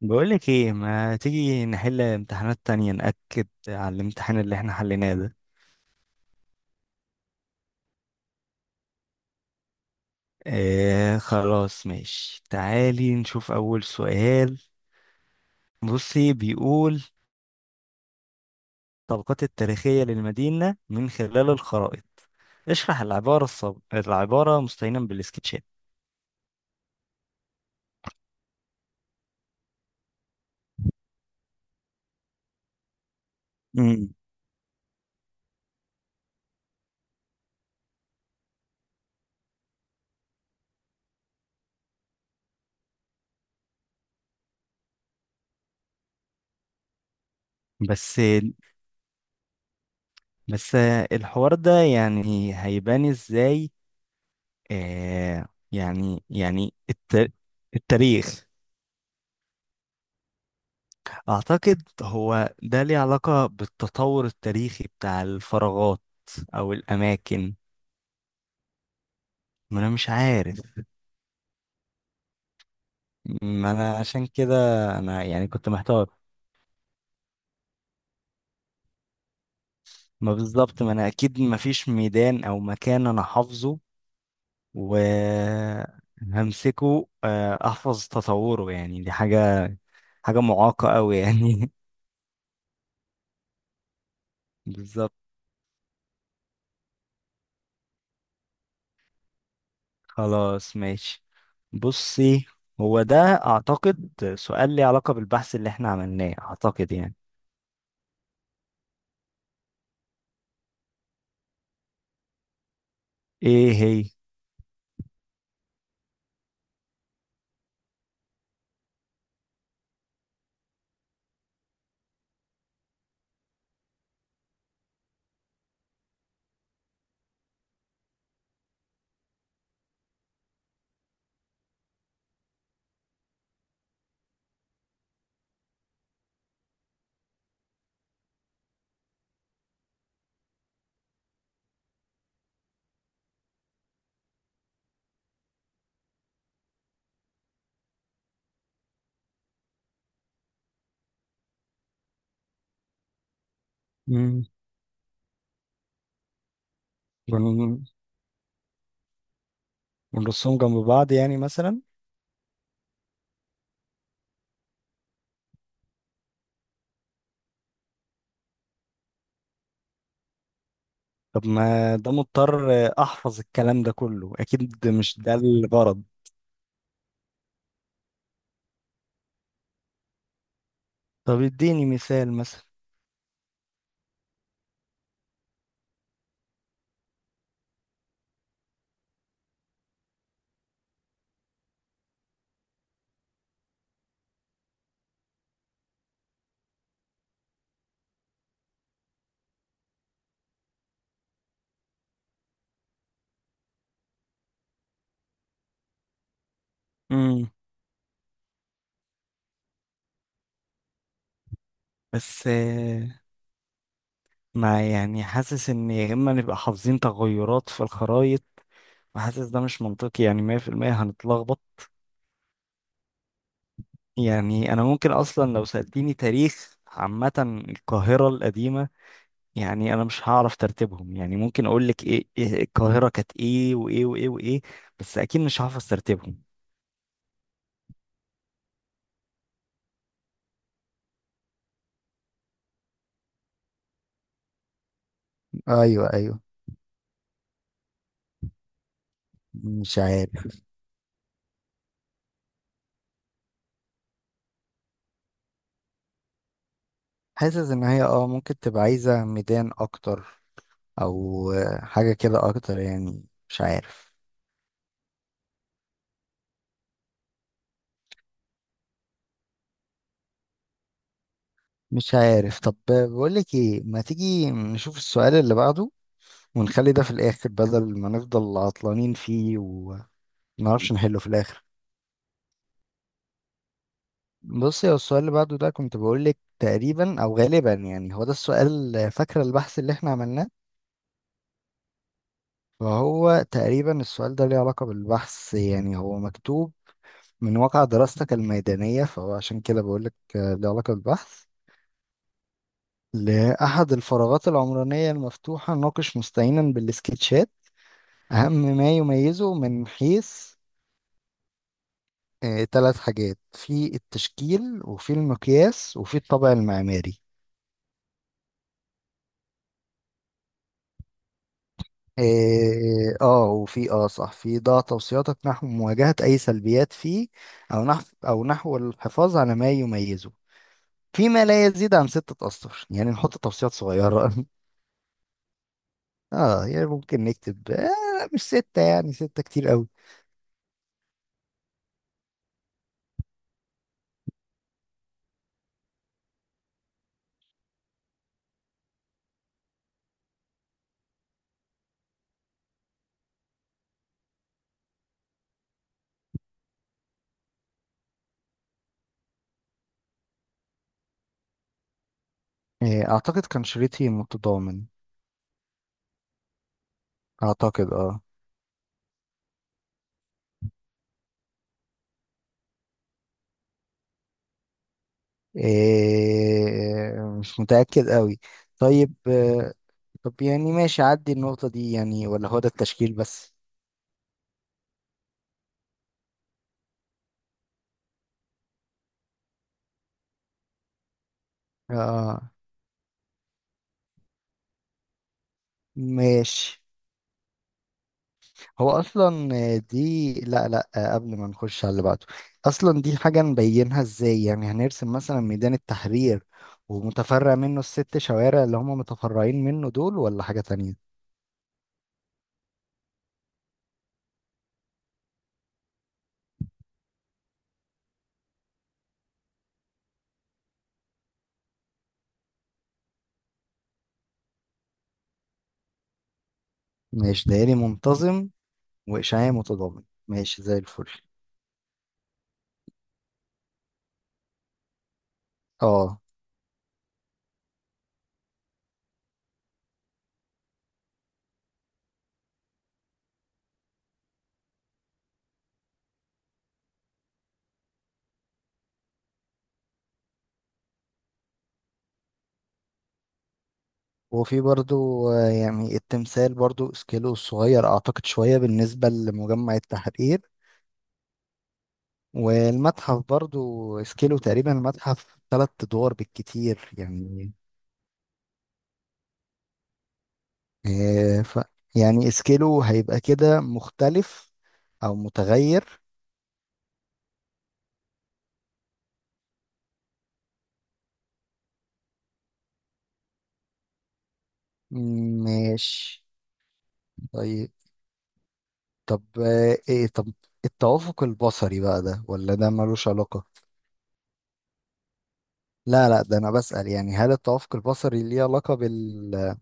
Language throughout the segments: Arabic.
بقولك ايه، ما تيجي نحل امتحانات تانية نأكد على الامتحان اللي احنا حليناه ده. اه، خلاص ماشي، تعالي نشوف أول سؤال. بصي، بيقول: طبقات التاريخية للمدينة من خلال الخرائط، اشرح العبارة العبارة مستعينا بالسكتشات. مم. بس بس، الحوار ده يعني هيبان ازاي؟ اه، يعني التاريخ. أعتقد هو ده ليه علاقة بالتطور التاريخي بتاع الفراغات أو الأماكن. ما أنا مش عارف، ما أنا عشان كده. أنا يعني كنت محتار، ما بالظبط، ما أنا أكيد ما فيش ميدان أو مكان أنا حافظه وهمسكه، أحفظ تطوره، يعني دي حاجة، حاجة معاقة أوي يعني. بالظبط. خلاص ماشي، بصي، هو ده، أعتقد، سؤال ليه علاقة بالبحث اللي احنا عملناه، أعتقد يعني. ايه هي؟ مم. ون- ونرصهم جنب بعض يعني مثلا. طب ما ده مضطر احفظ الكلام ده كله، اكيد مش ده الغرض. طب اديني مثال مثلا. امم. بس، ما يعني حاسس ان يا اما نبقى حافظين تغيرات في الخرايط، وحاسس ده مش منطقي، يعني 100% هنتلخبط. يعني انا ممكن اصلا لو سألتيني تاريخ عامة القاهرة القديمة، يعني انا مش هعرف ترتيبهم، يعني ممكن اقول لك ايه، القاهرة كانت ايه وايه وايه وايه، بس اكيد مش هحفظ ترتيبهم. ايوه، ايوه، مش عارف. حاسس ان هي، ممكن تبقى عايزة ميدان اكتر، او حاجة كده اكتر، يعني مش عارف. مش عارف، طب بقولك ايه، ما تيجي نشوف السؤال اللي بعده ونخلي ده في الاخر بدل ما نفضل عطلانين فيه ومنعرفش نحله في الاخر. بصي، هو السؤال اللي بعده ده كنت بقول لك تقريبا او غالبا يعني هو ده السؤال، فاكره البحث اللي احنا عملناه؟ فهو تقريبا السؤال ده ليه علاقة بالبحث، يعني هو مكتوب: من واقع دراستك الميدانية، فهو عشان كده بقول لك ليه علاقة بالبحث. لأحد الفراغات العمرانية المفتوحة، ناقش مستعينا بالسكتشات أهم ما يميزه من حيث ثلاث حاجات: في التشكيل وفي المقياس وفي الطابع المعماري. إيه، وفي، صح، في ضع توصياتك نحو مواجهة أي سلبيات فيه، أو نحو الحفاظ على ما يميزه فيما لا يزيد عن ستة أسطر، يعني نحط توصيات صغيرة. اه، يعني ممكن نكتب، مش ستة، يعني ستة كتير أوي. إيه، أعتقد كان شريطي متضامن. أعتقد، إيه، مش متأكد أوي. طيب، طب يعني ماشي، عدي النقطة دي يعني، ولا هو ده التشكيل بس؟ اه، ماشي. هو اصلا دي، لا، لا، قبل ما نخش على اللي بعده، اصلا دي حاجه نبينها ازاي؟ يعني هنرسم مثلا ميدان التحرير ومتفرع منه الست شوارع اللي هم متفرعين منه دول، ولا حاجه تانية؟ ماشي، دائري منتظم واشعاع متضامن، ماشي زي الفل. اه، وفي برضو، يعني التمثال برضو اسكيلو صغير، اعتقد شويه بالنسبه لمجمع التحرير. والمتحف برضو اسكيلو تقريبا، المتحف ثلاث ادوار بالكتير يعني. آه، ف يعني سكيلو هيبقى كده مختلف او متغير. ماشي. طيب، طب، ايه، طب التوافق البصري بقى، ده ولا ده ملوش علاقة؟ لا، لا، ده انا بسأل يعني، هل التوافق البصري ليه علاقة بال،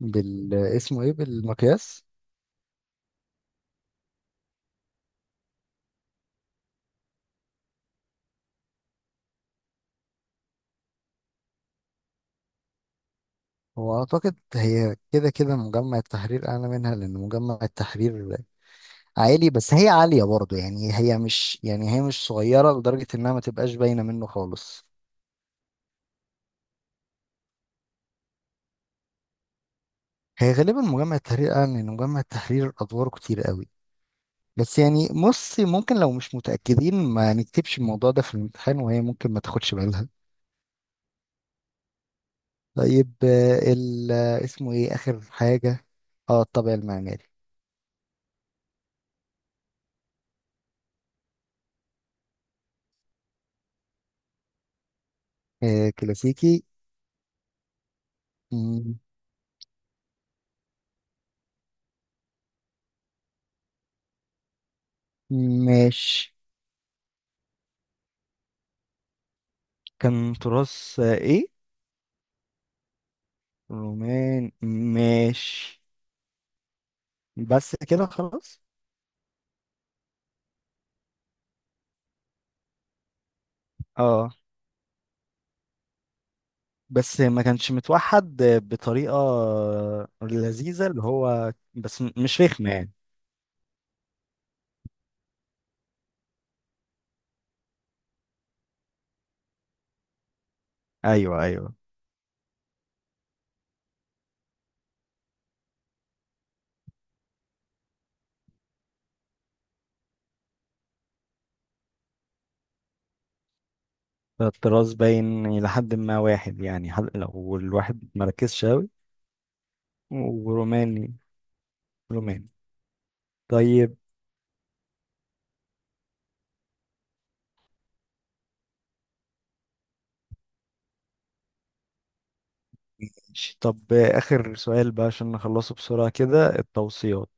بال اسمه ايه، بالمقياس؟ هو اعتقد هي كده كده مجمع التحرير اعلى منها، لان مجمع التحرير عالي، بس هي عالية برضه، يعني هي مش، يعني هي مش صغيرة لدرجة انها ما تبقاش باينة منه خالص. هي غالبا مجمع التحرير، قال ان مجمع التحرير ادواره كتير قوي. بس يعني بص، ممكن لو مش متاكدين ما نكتبش الموضوع ده في الامتحان، وهي ممكن ما تاخدش بالها. طيب، ال، اسمه ايه، اخر حاجه. اه، الطابع المعماري. كلاسيكي. مم، ماشي. كان تراث، ايه، رومان. ماشي. بس كده خلاص. اه، بس ما كانش متوحد بطريقه لذيذه، اللي هو بس مش رخمه يعني. ايوه، ايوه، الطراز باين الى حد ما واحد يعني، حد لو الواحد مركزش اوي. وروماني. روماني. طيب، طب اخر سؤال بقى عشان نخلصه بسرعه كده، التوصيات.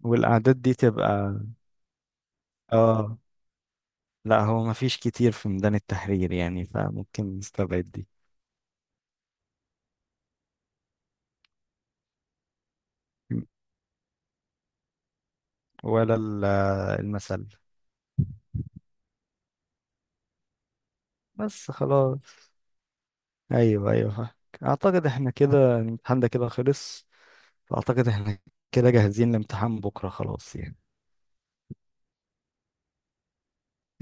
والاعداد دي تبقى، اه. لا، هو مفيش كتير في ميدان التحرير يعني، فممكن نستبعد دي. ولا ال- المثل. بس خلاص. ايوه، ايوه، فاهمك. اعتقد احنا كده الامتحان ده كده خلص، فاعتقد احنا كده جاهزين لامتحان بكره خلاص يعني.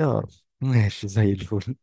يا رب. ماشي زي الفل.